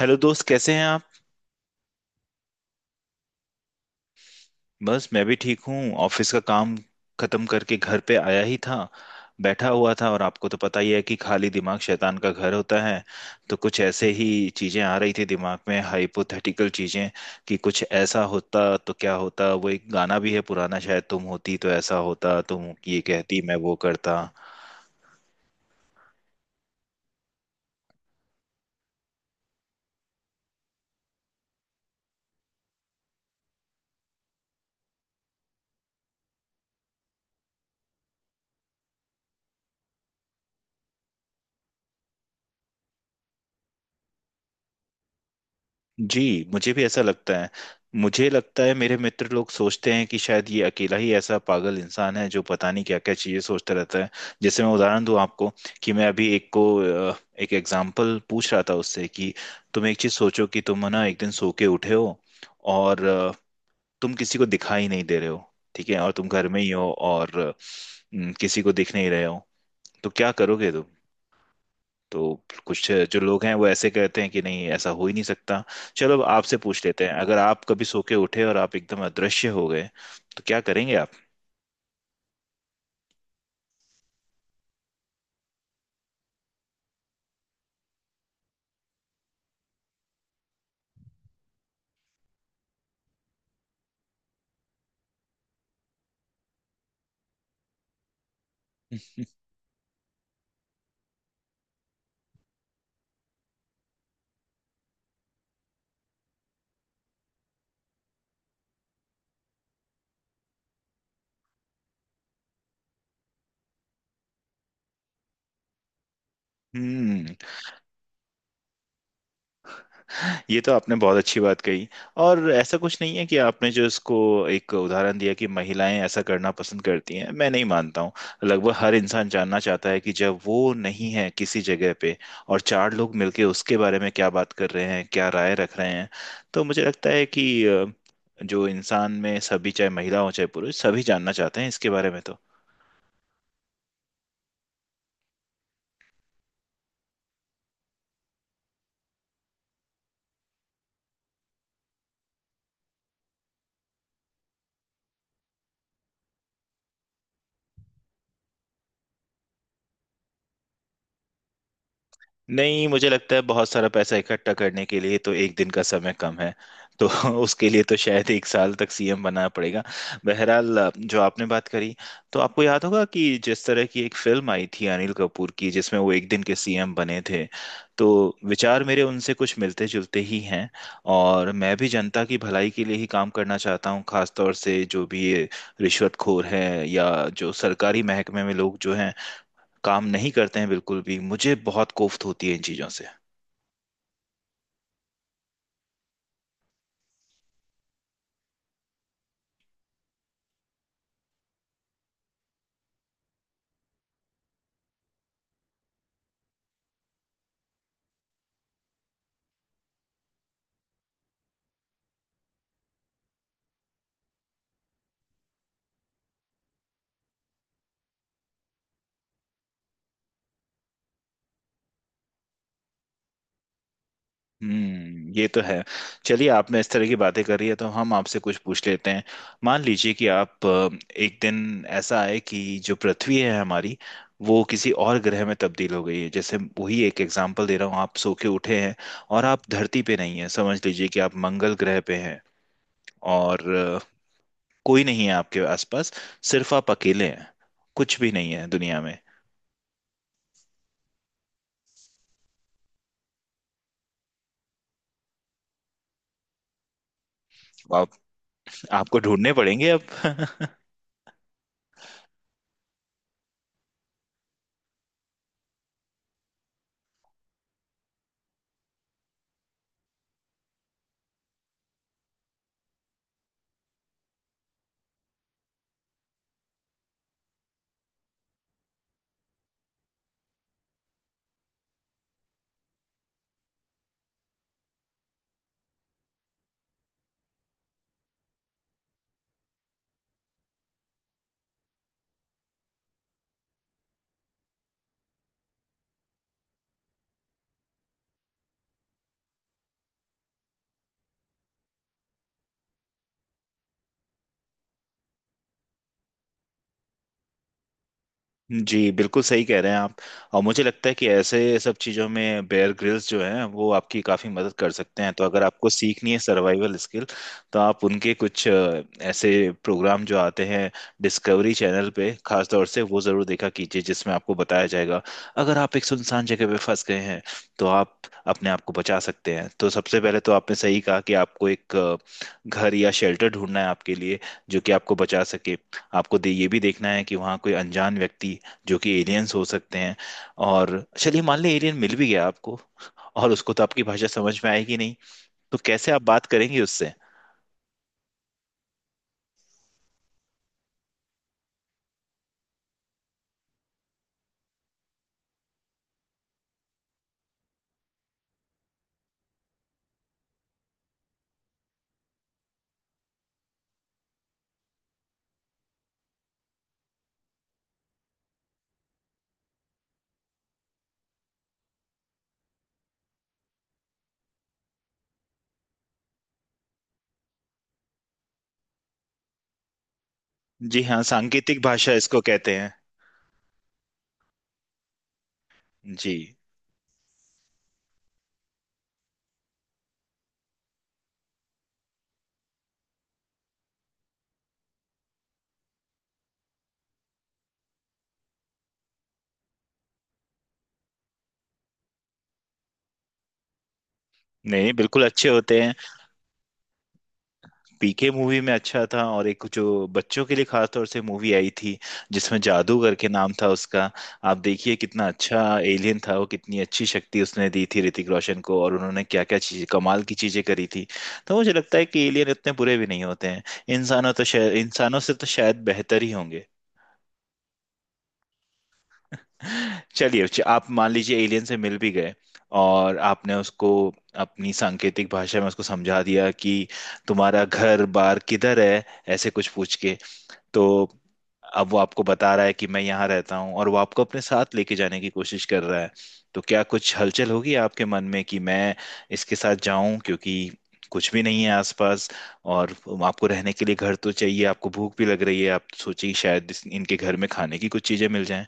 Hello दोस्त कैसे हैं आप। बस मैं भी ठीक हूँ। ऑफिस का काम खत्म करके घर पे आया ही था, बैठा हुआ था और आपको तो पता ही है कि खाली दिमाग शैतान का घर होता है। तो कुछ ऐसे ही चीजें आ रही थी दिमाग में, हाइपोथेटिकल चीजें कि कुछ ऐसा होता तो क्या होता। वो एक गाना भी है पुराना, शायद तुम होती तो ऐसा होता, तुम ये कहती मैं वो करता। जी, मुझे भी ऐसा लगता है। मुझे लगता है मेरे मित्र लोग सोचते हैं कि शायद ये अकेला ही ऐसा पागल इंसान है जो पता नहीं क्या क्या चीजें सोचता रहता है। जैसे मैं उदाहरण दूं आपको कि मैं अभी एक को अ, एक एग्जाम्पल पूछ रहा था उससे कि तुम एक चीज सोचो कि तुम ना एक दिन सो के उठे हो और तुम किसी को दिखाई नहीं दे रहे हो। ठीक है, और तुम घर में ही हो और अ, न, किसी को दिख नहीं रहे हो, तो क्या करोगे तुम? तो कुछ जो लोग हैं वो ऐसे कहते हैं कि नहीं, ऐसा हो ही नहीं सकता। चलो, अब आपसे पूछ लेते हैं, अगर आप कभी सो के उठे और आप एकदम अदृश्य हो गए तो क्या करेंगे आप? हम्म, ये तो आपने बहुत अच्छी बात कही। और ऐसा कुछ नहीं है कि आपने जो इसको एक उदाहरण दिया कि महिलाएं ऐसा करना पसंद करती हैं, मैं नहीं मानता हूँ। लगभग हर इंसान जानना चाहता है कि जब वो नहीं है किसी जगह पे और चार लोग मिलके उसके बारे में क्या बात कर रहे हैं, क्या राय रख रहे हैं। तो मुझे लगता है कि जो इंसान में सभी, चाहे महिला हो चाहे पुरुष, सभी जानना चाहते हैं इसके बारे में तो। नहीं, मुझे लगता है बहुत सारा पैसा इकट्ठा करने के लिए तो एक दिन का समय कम है, तो उसके लिए तो शायद एक साल तक सीएम बनना पड़ेगा। बहरहाल, जो आपने बात करी, तो आपको याद होगा कि जिस तरह की एक फिल्म आई थी अनिल कपूर की जिसमें वो एक दिन के सीएम बने थे, तो विचार मेरे उनसे कुछ मिलते जुलते ही हैं। और मैं भी जनता की भलाई के लिए ही काम करना चाहता हूँ, खासतौर से जो भी ये रिश्वतखोर है या जो सरकारी महकमे में लोग जो हैं काम नहीं करते हैं बिल्कुल भी, मुझे बहुत कोफ्त होती है इन चीज़ों से। हम्म, ये तो है। चलिए, आपने इस तरह की बातें करी है तो हम आपसे कुछ पूछ लेते हैं। मान लीजिए कि आप एक दिन ऐसा आए कि जो पृथ्वी है हमारी वो किसी और ग्रह में तब्दील हो गई है। जैसे वही एक एग्जांपल दे रहा हूँ, आप सो के उठे हैं और आप धरती पे नहीं हैं, समझ लीजिए कि आप मंगल ग्रह पे हैं। और कोई नहीं है आपके आसपास, सिर्फ आप अकेले हैं, कुछ भी नहीं है दुनिया में। आप, आपको ढूंढने पड़ेंगे अब। जी बिल्कुल सही कह रहे हैं आप। और मुझे लगता है कि ऐसे सब चीज़ों में बेयर ग्रिल्स जो हैं वो आपकी काफ़ी मदद कर सकते हैं, तो अगर आपको सीखनी है सर्वाइवल स्किल, तो आप उनके कुछ ऐसे प्रोग्राम जो आते हैं डिस्कवरी चैनल पे खास तौर से, वो ज़रूर देखा कीजिए, जिसमें आपको बताया जाएगा अगर आप एक सुनसान जगह पे फंस गए हैं तो आप अपने आप को बचा सकते हैं। तो सबसे पहले तो आपने सही कहा कि आपको एक घर या शेल्टर ढूंढना है आपके लिए जो कि आपको बचा सके। आपको दे, ये भी देखना है कि वहाँ कोई अनजान व्यक्ति जो कि एलियंस हो सकते हैं, और चलिए मान लें एलियन मिल भी गया आपको, और उसको तो आपकी भाषा समझ में आएगी नहीं, तो कैसे आप बात करेंगे उससे? जी हाँ, सांकेतिक भाषा इसको कहते हैं। जी। नहीं, बिल्कुल अच्छे होते हैं। पीके मूवी में अच्छा था, और एक जो बच्चों के लिए खास तौर से मूवी आई थी जिसमें जादू करके नाम था उसका, आप देखिए कितना अच्छा एलियन था वो, कितनी अच्छी शक्ति उसने दी थी ऋतिक रोशन को, और उन्होंने क्या क्या चीज, कमाल की चीजें करी थी। तो मुझे लगता है कि एलियन इतने बुरे भी नहीं होते हैं, इंसानों तो शायद, इंसानों से तो शायद बेहतर ही होंगे। चलिए, आप मान लीजिए एलियन से मिल भी गए, और आपने उसको अपनी सांकेतिक भाषा में उसको समझा दिया कि तुम्हारा घर बार किधर है, ऐसे कुछ पूछ के, तो अब वो आपको बता रहा है कि मैं यहाँ रहता हूँ, और वो आपको अपने साथ लेके जाने की कोशिश कर रहा है, तो क्या कुछ हलचल होगी आपके मन में कि मैं इसके साथ जाऊं? क्योंकि कुछ भी नहीं है आसपास, और आपको रहने के लिए घर तो चाहिए, आपको भूख भी लग रही है, आप सोचिए शायद इनके घर में खाने की कुछ चीजें मिल जाएं।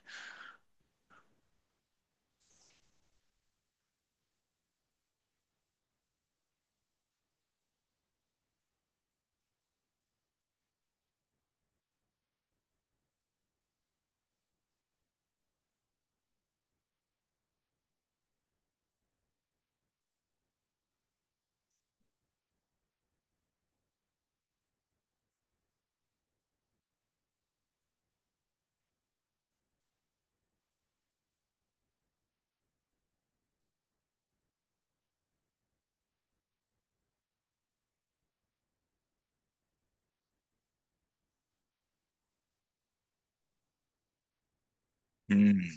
हम्म,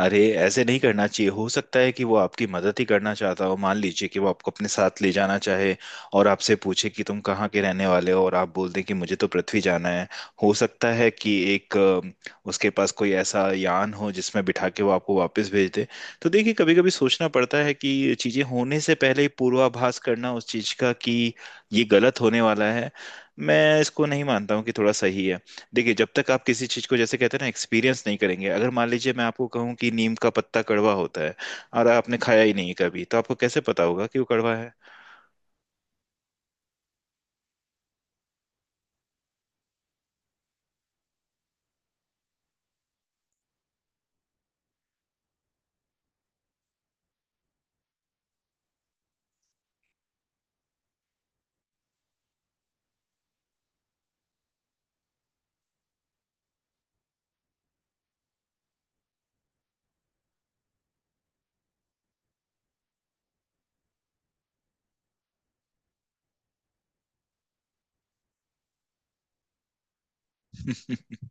अरे ऐसे नहीं करना चाहिए, हो सकता है कि वो आपकी मदद ही करना चाहता हो। मान लीजिए कि वो आपको अपने साथ ले जाना चाहे और आपसे पूछे कि तुम कहाँ के रहने वाले हो, और आप बोल दें कि मुझे तो पृथ्वी जाना है, हो सकता है कि एक उसके पास कोई ऐसा यान हो जिसमें बिठा के वो आपको वापस भेज दे। तो देखिए, कभी कभी सोचना पड़ता है कि चीजें होने से पहले ही पूर्वाभास करना उस चीज का कि ये गलत होने वाला है, मैं इसको नहीं मानता हूँ कि थोड़ा सही है। देखिए, जब तक आप किसी चीज को, जैसे कहते हैं ना, एक्सपीरियंस नहीं करेंगे, अगर मान लीजिए मैं आपको कहूँ कि नीम का पत्ता कड़वा होता है और आपने खाया ही नहीं कभी, तो आपको कैसे पता होगा कि वो कड़वा है?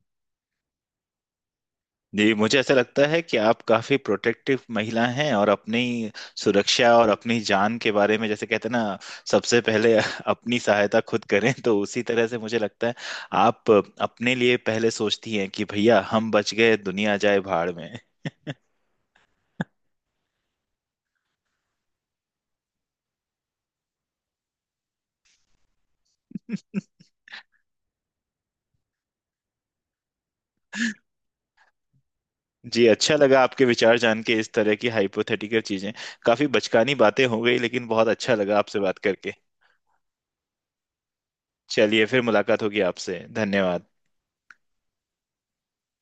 जी, मुझे ऐसा लगता है कि आप काफी प्रोटेक्टिव महिला हैं, और अपनी सुरक्षा और अपनी जान के बारे में, जैसे कहते हैं ना, सबसे पहले अपनी सहायता खुद करें, तो उसी तरह से मुझे लगता है आप अपने लिए पहले सोचती हैं कि भैया हम बच गए, दुनिया जाए भाड़ में। जी, अच्छा लगा आपके विचार जान के। इस तरह की हाइपोथेटिकल चीजें, काफी बचकानी बातें हो गई, लेकिन बहुत अच्छा लगा आपसे बात करके। चलिए फिर, मुलाकात होगी आपसे, धन्यवाद।